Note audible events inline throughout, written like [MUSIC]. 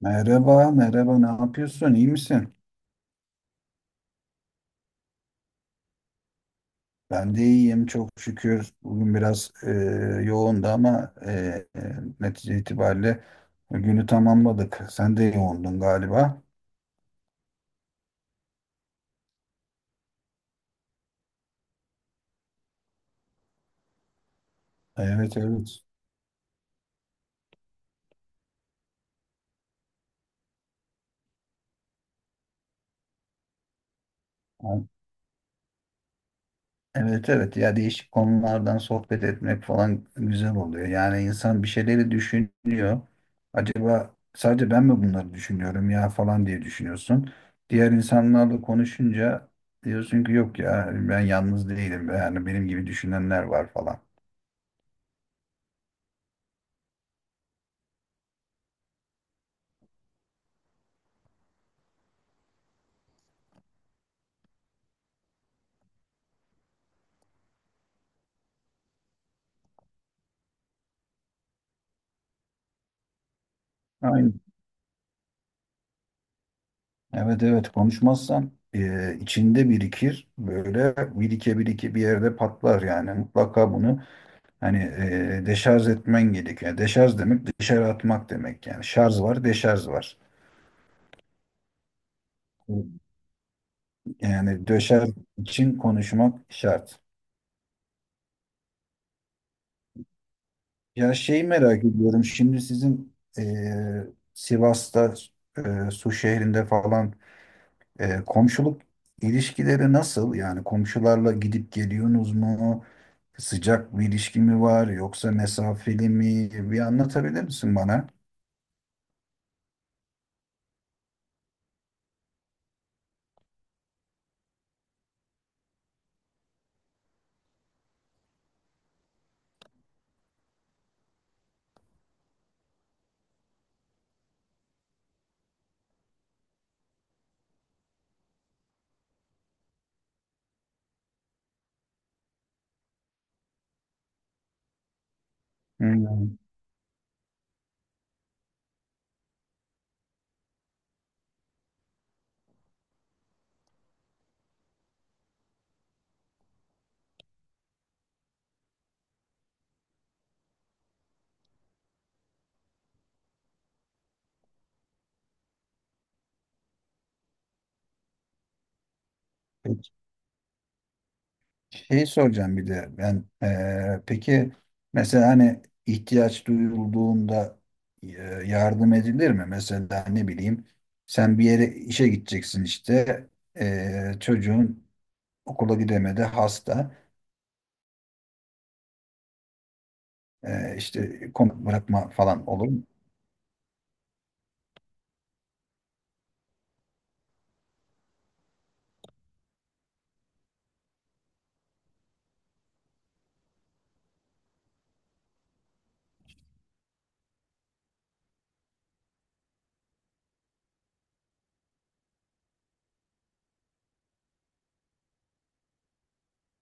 Merhaba, merhaba. Ne yapıyorsun? İyi misin? Ben de iyiyim, çok şükür. Bugün biraz yoğundu ama e, netice itibariyle günü tamamladık. Sen de yoğundun galiba. Evet, evet. Evet, evet, ya değişik konulardan sohbet etmek falan güzel oluyor. Yani insan bir şeyleri düşünüyor. Acaba sadece ben mi bunları düşünüyorum ya falan diye düşünüyorsun. Diğer insanlarla konuşunca diyorsun ki yok ya ben yalnız değilim. Yani benim gibi düşünenler var falan. Aynen. Evet, evet, konuşmazsan içinde birikir. Böyle birike birike bir yerde patlar yani. Mutlaka bunu hani, deşarj etmen gerekiyor. Yani deşarj demek dışarı atmak demek yani. Şarj var, deşarj var. Yani döşer için konuşmak şart. Ya şeyi merak ediyorum. Şimdi sizin Sivas'ta Su şehrinde falan komşuluk ilişkileri nasıl? Yani komşularla gidip geliyorsunuz mu? Sıcak bir ilişki mi var yoksa mesafeli mi? Bir anlatabilir misin bana? Hmm. Peki, şey soracağım bir de ben peki mesela hani ihtiyaç duyulduğunda yardım edilir mi? Mesela ne bileyim sen bir yere işe gideceksin işte çocuğun okula gidemedi, hasta. İşte komut bırakma falan olur mu?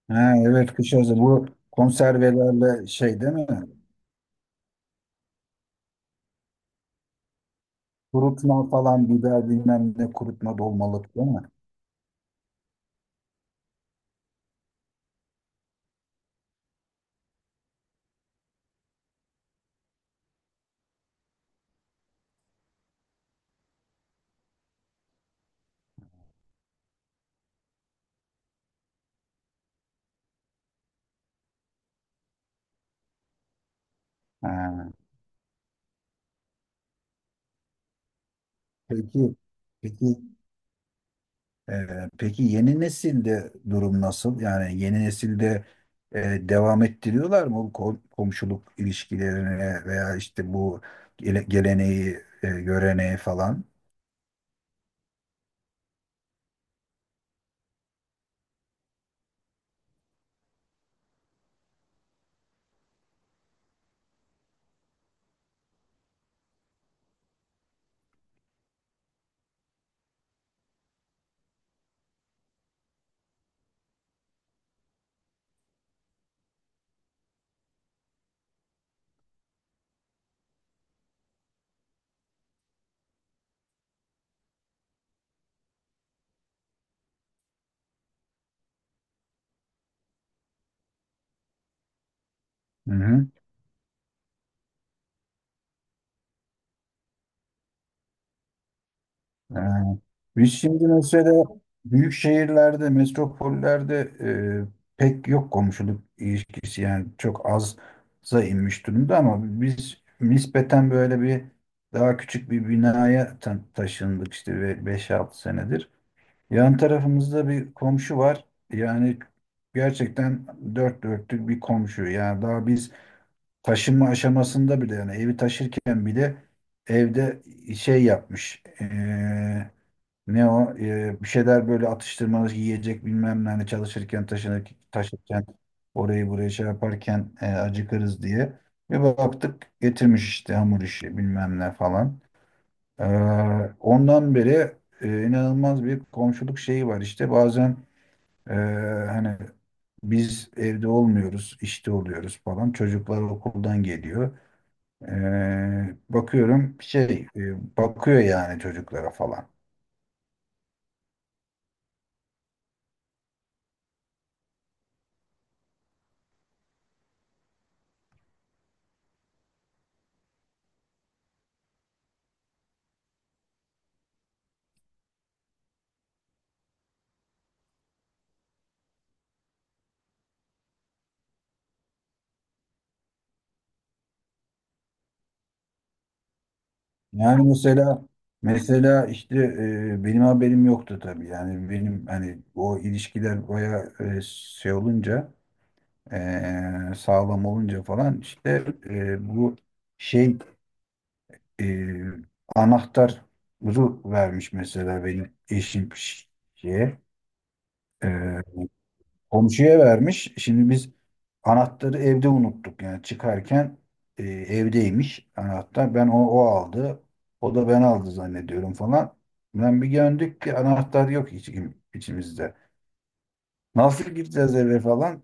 Ha, evet, kış hazır bu konservelerle şey değil mi? Kurutma falan, biber bilmem ne kurutma, dolmalık değil mi? Ha, peki, peki peki, yeni nesilde durum nasıl? Yani yeni nesilde e, devam ettiriyorlar mı bu komşuluk ilişkilerini veya işte bu geleneği, göreneği falan? Hı hı. Ee, Biz şimdi mesela büyük şehirlerde, metropollerde pek yok komşuluk ilişkisi, yani çok azza inmiş durumda, ama biz nispeten böyle bir daha küçük bir binaya taşındık işte 5-6 senedir. Yan tarafımızda bir komşu var. Yani gerçekten dört dörtlük bir komşu. Yani daha biz taşınma aşamasında bile, yani evi taşırken bile, evde şey yapmış. Ne o? Bir şeyler, böyle atıştırmalık yiyecek bilmem ne, hani çalışırken taşınır, taşırken orayı buraya şey yaparken acıkırız diye. Bir baktık getirmiş işte hamur işi bilmem ne falan. Ee, Ondan beri inanılmaz bir komşuluk şeyi var. İşte bazen e, hani biz evde olmuyoruz, işte oluyoruz falan, çocuklar okuldan geliyor. Bakıyorum şey, bakıyor yani çocuklara falan. Yani mesela, işte benim haberim yoktu tabii. Yani benim, hani o ilişkiler baya şey olunca, sağlam olunca falan, işte bu şey, e, anahtarı vermiş mesela benim eşim şeye. e, Komşuya vermiş. Şimdi biz anahtarı evde unuttuk. Yani çıkarken evdeymiş anahtar. Ben o aldı. O da ben aldı zannediyorum falan. Ben bir döndük ki anahtar yok hiç, içimizde. Nasıl gireceğiz eve falan?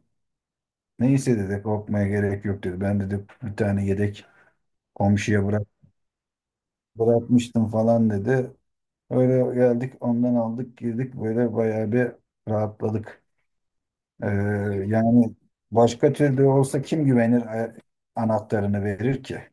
Neyse, dedi, korkmaya gerek yok dedi. Ben dedi bir tane yedek komşuya bırakmıştım falan dedi. Öyle geldik, ondan aldık, girdik, böyle bayağı bir rahatladık. Ee, Yani başka türlü olsa kim güvenir, anahtarını verir ki?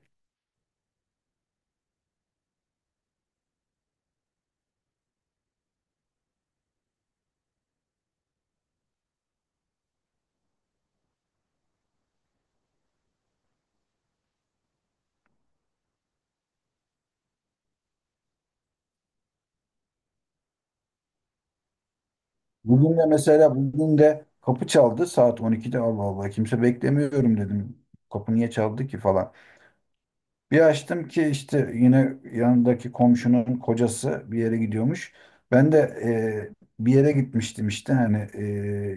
Bugün de mesela, bugün de kapı çaldı saat 12'de. Allah Allah, kimse beklemiyorum dedim. Kapı niye çaldı ki falan. Bir açtım ki işte yine yanındaki komşunun kocası bir yere gidiyormuş. Ben de bir yere gitmiştim işte, hani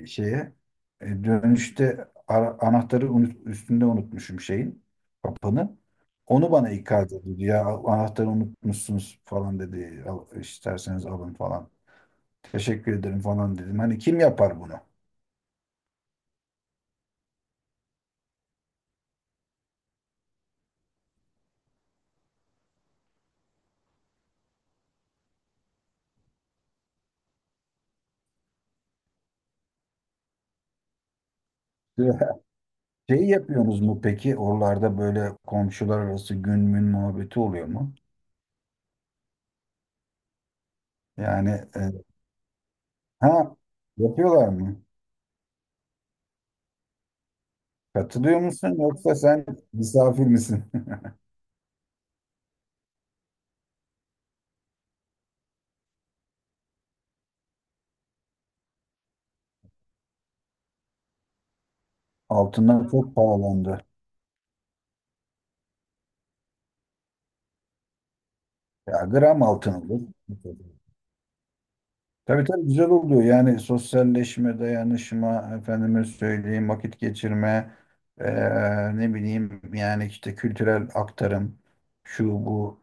şeye. Dönüşte anahtarı üstünde unutmuşum şeyin, kapının. Onu bana ikaz ediyordu. Ya, anahtarı unutmuşsunuz falan dedi. Al, isterseniz alın falan. Teşekkür ederim falan dedim. Hani kim yapar bunu? [LAUGHS] Şeyi yapıyorsunuz mu peki? Oralarda böyle komşular arası gün mün muhabbeti oluyor mu? Yani e, ha, yapıyorlar mı? Katılıyor musun yoksa sen misafir misin? [LAUGHS] Altınlar çok pahalandı. Ya gram altın olur. Tabii, tabii, güzel oluyor. Yani sosyalleşme, dayanışma, efendime söyleyeyim, vakit geçirme, ne bileyim yani işte kültürel aktarım, şu bu.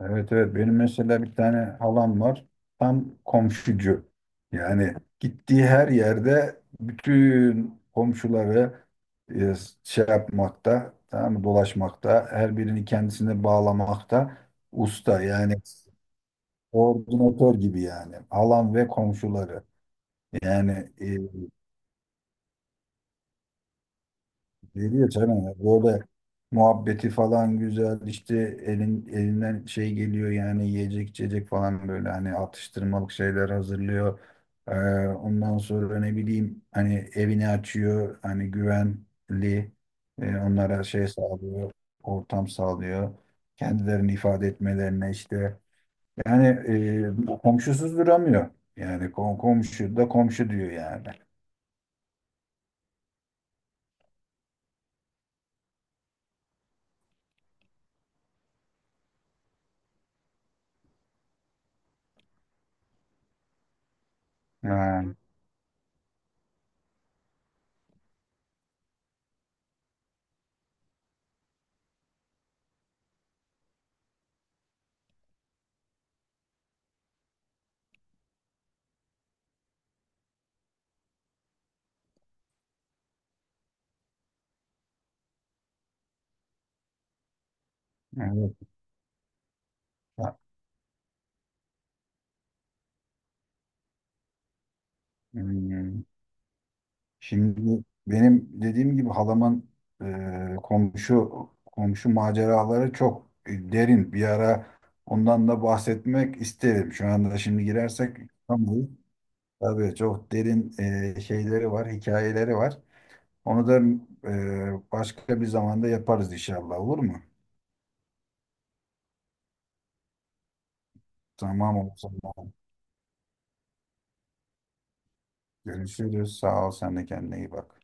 Evet, evet, benim mesela bir tane halam var, tam komşucu. Yani gittiği her yerde bütün komşuları e, şey yapmakta, tamam mı, dolaşmakta, her birini kendisine bağlamakta usta yani. Koordinatör gibi yani, halam ve komşuları. Yani veriyor tabii. Ya, böyle muhabbeti falan güzel. İşte elin, elinden şey geliyor yani, yiyecek içecek falan, böyle hani atıştırmalık şeyler hazırlıyor. Ee, Ondan sonra, ne bileyim, hani evini açıyor. Hani güvenli onlara şey sağlıyor. Ortam sağlıyor. Kendilerini ifade etmelerine, işte. Yani komşusuz duramıyor. Yani komşu da komşu diyor yani. Ha, evet. Ha, hmm. Şimdi benim dediğim gibi halamın komşu komşu maceraları çok derin. Bir ara ondan da bahsetmek isterim. Şu anda şimdi girersek tam bu. Tabii çok derin şeyleri var, hikayeleri var. Onu da başka bir zamanda yaparız inşallah, olur mu? Tamam o zaman. Görüşürüz. Sağ ol. Sen de kendine iyi bak.